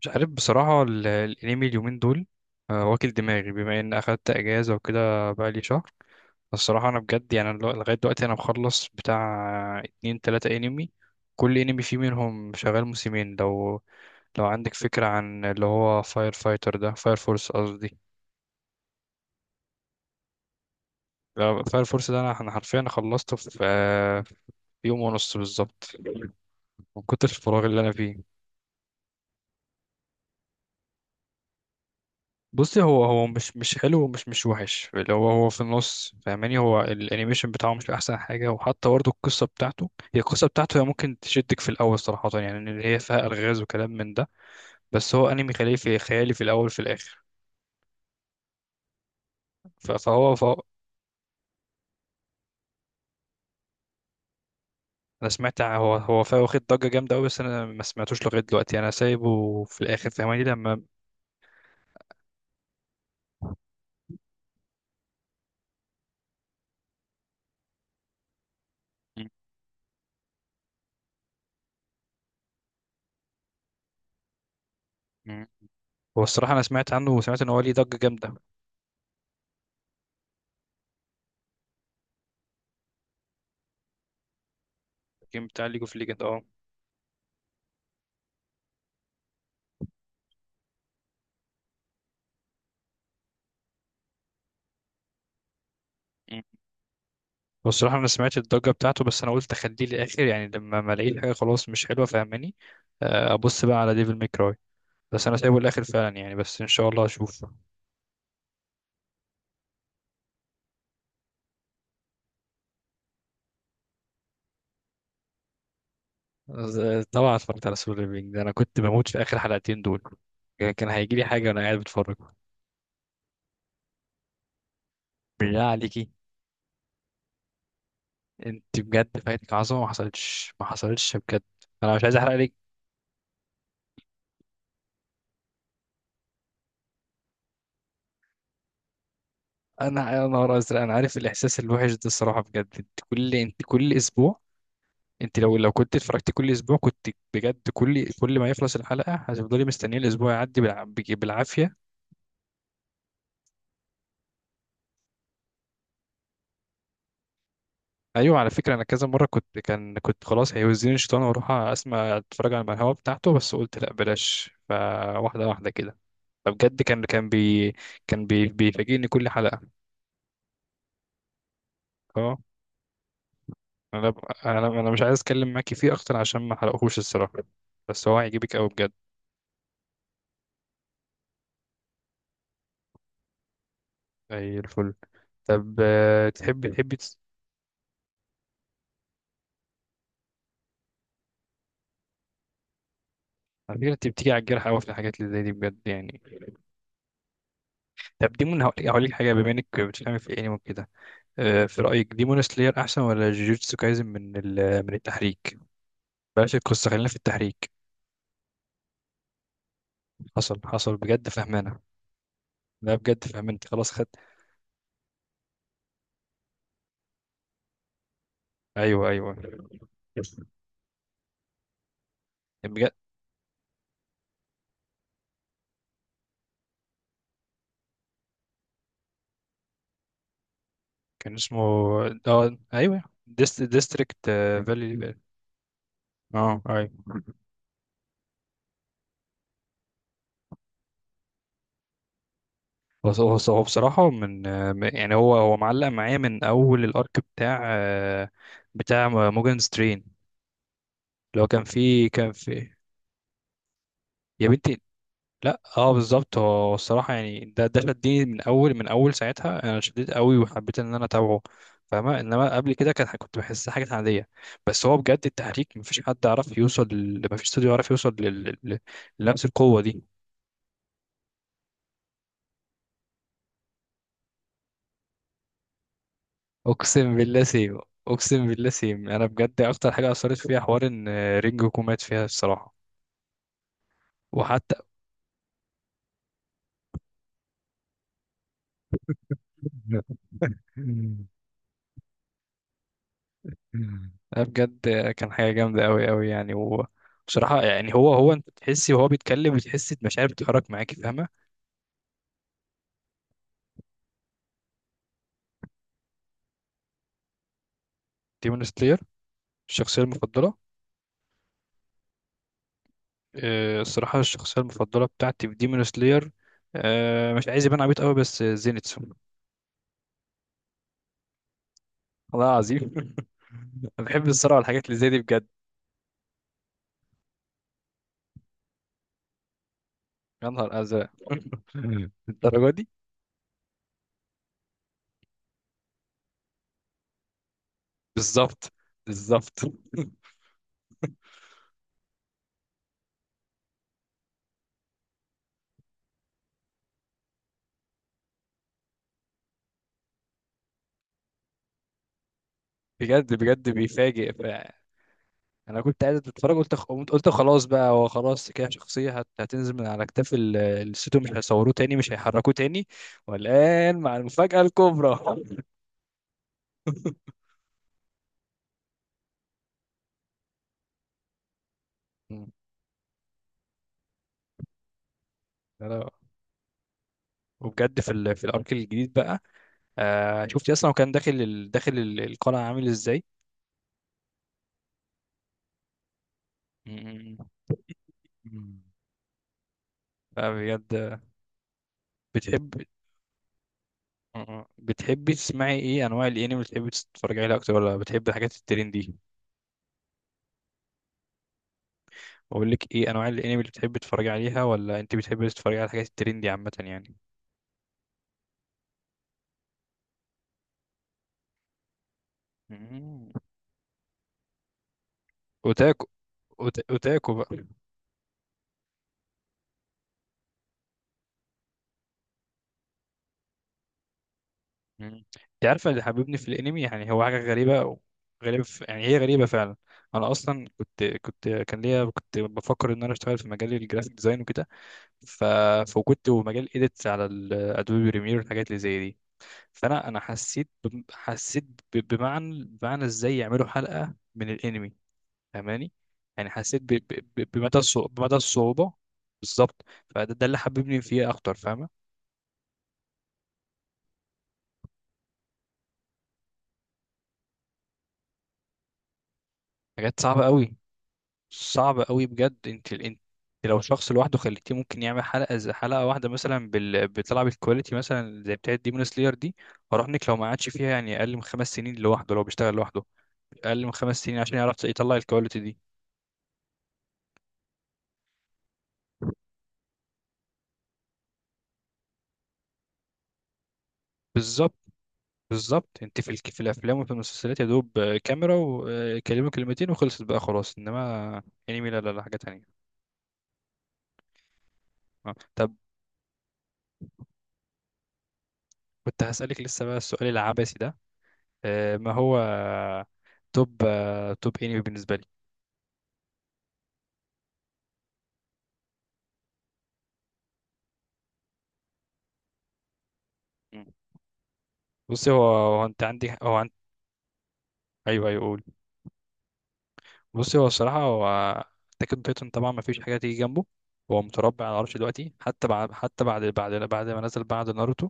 مش عارف بصراحة الأنمي اليومين دول. واكل دماغي بما إن أخدت أجازة وكده بقالي شهر. الصراحة أنا بجد يعني لغاية دلوقتي أنا مخلص بتاع اتنين تلاتة أنمي، كل أنمي فيه منهم شغال موسمين. لو عندك فكرة عن اللي هو فاير فايتر ده، فاير فورس قصدي. فاير فورس ده أنا حرفيا أنا خلصته في يوم ونص بالظبط، من كتر الفراغ اللي أنا فيه. بصي، هو مش حلو ومش مش وحش، اللي هو في النص، فاهماني؟ هو الانيميشن بتاعه مش احسن حاجه، وحتى برضه القصه بتاعته هي ممكن تشدك في الاول، صراحه يعني ان هي فيها الغاز وكلام من ده. بس هو انمي خيالي، في خيالي في الاول في الاخر. فهو انا سمعت هو واخد ضجه جامده قوي، بس انا ما سمعتوش لغايه دلوقتي، انا سايبه في الاخر، فاهماني لما. م- م. هو الصراحه انا سمعت عنه وسمعت ان هو ليه ضجه جامده. الجيم بتاع ليج اوف ليجند، اه. هو الصراحة أنا سمعت الضجة بتاعته، بس أنا قلت أخليه للآخر، يعني لما ما ألاقي الحاجة خلاص مش حلوة، فاهماني. أبص بقى على ديفل ماي كراي. بس أنا سايبه للآخر فعلا يعني، بس إن شاء الله أشوف. طبعا اتفرجت على سول ليفينج ده، أنا كنت بموت في آخر حلقتين دول. كان هيجيلي حاجة وأنا قاعد بتفرج. بالله عليكي؟ أنت بجد فايتك عظمة، ما حصلتش ما حصلتش بجد. أنا مش عايز أحرق عليك. أنا نهار أزرق. أنا عارف الإحساس الوحش ده، الصراحة بجد، أنت كل أسبوع. انت لو كنت اتفرجت كل اسبوع كنت بجد، كل ما يخلص الحلقه هتفضلي مستنيه الاسبوع يعدي بالعافيه. ايوه، على فكره انا كذا مره كنت خلاص هيوزيني الشيطان واروح اسمع اتفرج على الهوا بتاعته، بس قلت لا بلاش، فواحده واحده كده. فبجد كان بيفاجئني كل حلقه. اه. انا ب- انا انا مش عايز اتكلم معاكي فيه اكتر عشان ما حرقهوش الصراحه، بس هو هيعجبك قوي بجد. اي الفل. طب، تحبي تس-. على فكره انت بتيجي على الجرح قوي في الحاجات اللي زي دي بجد يعني. طب ديمون، هقول لك حاجه بما انك بتفهمي في الانمي وكده. في رايك ديمون سلاير احسن ولا جوجوتسو كايزن، من التحريك؟ بلاش القصه، خلينا في التحريك. حصل حصل بجد، فهمانه. لا بجد فهمان، انت خلاص خدت. ايوه ايوه. بجد. كان اسمه. اه ايوه، ديستريكت فالي. اه ايوه. هو بصراحه من، يعني هو معلق معايا من اول الارك بتاع، بتاع موجان سترين، اللي هو كان فيه كان فيه. يا بنتي. لا اه، بالظبط، هو الصراحه يعني ده شدني من اول ساعتها، انا شديت قوي وحبيت ان انا اتابعه، فاهمه؟ انما قبل كده كنت بحسها حاجه عاديه. بس هو بجد التحريك مفيش حد عرف يوصل مفيش استوديو عرف يوصل لنفس القوه دي. اقسم بالله سيم. انا بجد اكتر حاجه اثرت فيها حوار ان رينجو كومات فيها الصراحه، وحتى. مم. لا بجد، كان حاجة جامدة أوي أوي يعني، وبصراحة يعني هو أنت بتحسي وهو بيتكلم، بتحسي مشاعر بتتحرك معاكي، فاهمة؟ ديمون سلاير. الشخصية المفضلة. الصراحة الشخصية المفضلة بتاعتي في ديمون سلاير، مش عايز يبان عبيط أوي، بس زينتسو. والله العظيم. أنا بحب الصراحة والحاجات اللي زي دي بجد. يا نهار أزرق. الدرجة دي؟ بالظبط. بالظبط. بجد بجد بيفاجئ. انا كنت قاعد اتفرج، قلت قلت خلاص بقى، هو خلاص كده شخصيه هتنزل من على كتاف الستو، مش هيصوروه تاني مش هيحركوه تاني. والان مع المفاجاه الكبرى. مم. لا لا. وبجد في الارك الجديد بقى. شفتي اصلا هو كان داخل ال- القلعه عامل ازاي. مم. مم. فبجد. بتحب. مم. بتحبي تسمعي ايه انواع الانمي اللي بتحبي تتفرجي عليها اكتر ولا بتحبي الحاجات الترندي؟ اقول لك ايه انواع الانمي اللي بتحبي تتفرجي عليها ولا انت بتحبي تتفرجي على الحاجات الترندي عامه يعني. مم. اوتاكو. اوتاكو بقى. مم. انت عارفه اللي حببني في الانمي، يعني هو حاجه غريبه، يعني هي غريبه فعلا. انا اصلا كنت كان ليا، كنت بفكر ان انا اشتغل في مجال الجرافيك ديزاين وكده، ف... فكنت، ومجال اديتس على الادوبي بريمير والحاجات اللي زي دي. فانا حسيت حسيت بمعنى ازاي يعملوا حلقه من الانمي، فاهماني؟ يعني حسيت ب... ب... بمدى الصعوبه. بالظبط. فده اللي حببني فيه اكتر، فاهمه؟ حاجات صعبة قوي. صعبة قوي بجد. انت لو شخص لوحده خليتيه ممكن يعمل حلقة زي حلقة واحدة مثلا، بتلعب الكواليتي مثلا زي بتاعة ديمون سلاير دي، اراهنك لو ما قعدش فيها يعني اقل من خمس سنين لوحده، لو بيشتغل لوحده اقل من خمس سنين عشان يعرف يطلع الكواليتي دي. بالظبط. بالظبط. انت في الافلام وفي المسلسلات يا دوب، كاميرا وكلمة كلمتين وخلصت بقى خلاص. انما انمي لا لا لا، حاجة تانية. آه. طب، كنت هسألك لسه بقى السؤال العبثي ده، ما هو توب انمي بالنسبة. مم. بصي، هو انت عندي، هو انت. ايوه ايوه، قول. بصي هو الصراحه هو اتاك اون تايتن، طبعا ما فيش حاجه تيجي جنبه. هو متربع على العرش دلوقتي، حتى بعد ما نزل بعد ناروتو،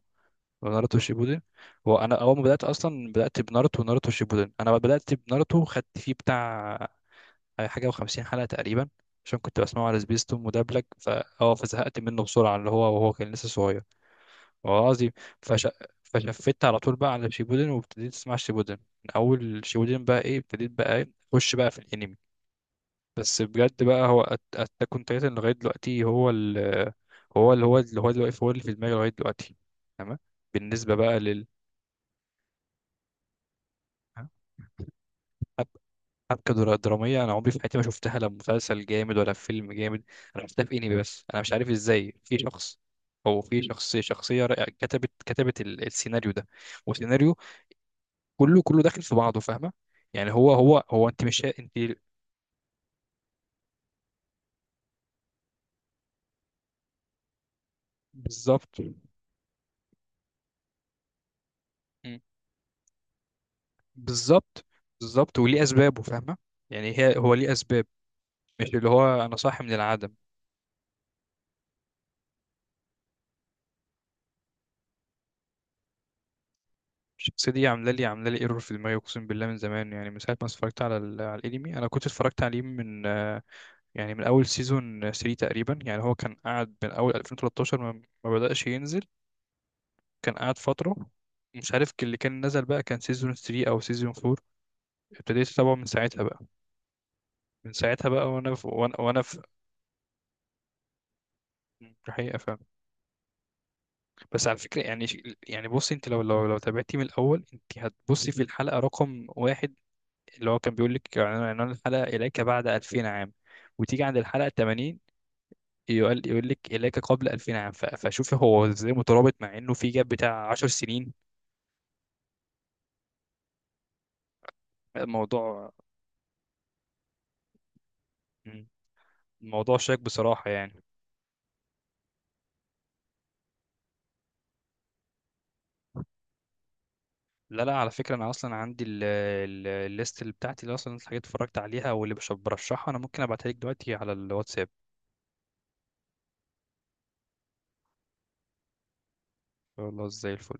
ناروتو شيبودن. هو انا اول ما بدات، اصلا بدات بناروتو وناروتو شيبودن. انا بدات بناروتو، خدت فيه بتاع حاجه و50 حلقه تقريبا، عشان كنت بسمعه على سبيستون مدبلج، فا اه فزهقت منه بسرعه، اللي هو وهو كان لسه صغير. والله العظيم. فش... فشفت على طول بقى على شيبودن، وابتديت اسمع شيبودن. من اول شيبودن بقى ايه، ابتديت بقى ايه اخش بقى في الانمي. بس بجد بقى هو اتاك اون تايتن لغايه دلوقتي، هو اللي هو دلوقتي هو اللي في دماغي لغايه دلوقتي. تمام. بالنسبه بقى لل، حب- حبكه دراميه انا عمري في حياتي ما شفتها، لا مسلسل جامد ولا في فيلم جامد، انا شفتها في انمي بس. انا مش عارف ازاي في شخص او في شخصيه رائعة، كتبت السيناريو ده، وسيناريو كله كله داخل في بعضه، فاهمه؟ يعني هو انت مش انت. بالظبط. مم. بالظبط. بالظبط وليه اسبابه، فاهمه؟ يعني هي، هو ليه اسباب، مش اللي هو انا صاحي من العدم. الشخصيه دي عامله لي ايرور في دماغي، اقسم بالله، من زمان، يعني من ساعه ما اتفرجت على الانمي. انا كنت اتفرجت عليه من، يعني من اول سيزون 3 تقريبا، يعني هو كان قاعد من اول 2013 ما بداش ينزل، كان قاعد فتره. مش عارف اللي كان نزل بقى، كان سيزون 3 او سيزون 4. ابتديت اتابعه من ساعتها بقى. من ساعتها بقى وانا في، وانا في الحقيقه، فاهم؟ بس على فكره يعني يعني بصي، انت لو تابعتي من الاول، انت هتبصي في الحلقه رقم واحد، اللي هو كان بيقول لك عنوان الحلقه اليك بعد 2000 عام، وتيجي عند الحلقه 80 يقول لك اليك قبل 2000 عام. فشوفي هو ازاي مترابط، مع انه في جاب بتاع 10 سنين. الموضوع. مم. الموضوع شاك بصراحه يعني. لا لا، على فكرة أنا أصلا عندي الليست اللي بتاعتي، اللي أصلا الحاجات اتفرجت عليها واللي برشحها، أنا ممكن أبعتها لك دلوقتي على الواتساب. والله زي الفل.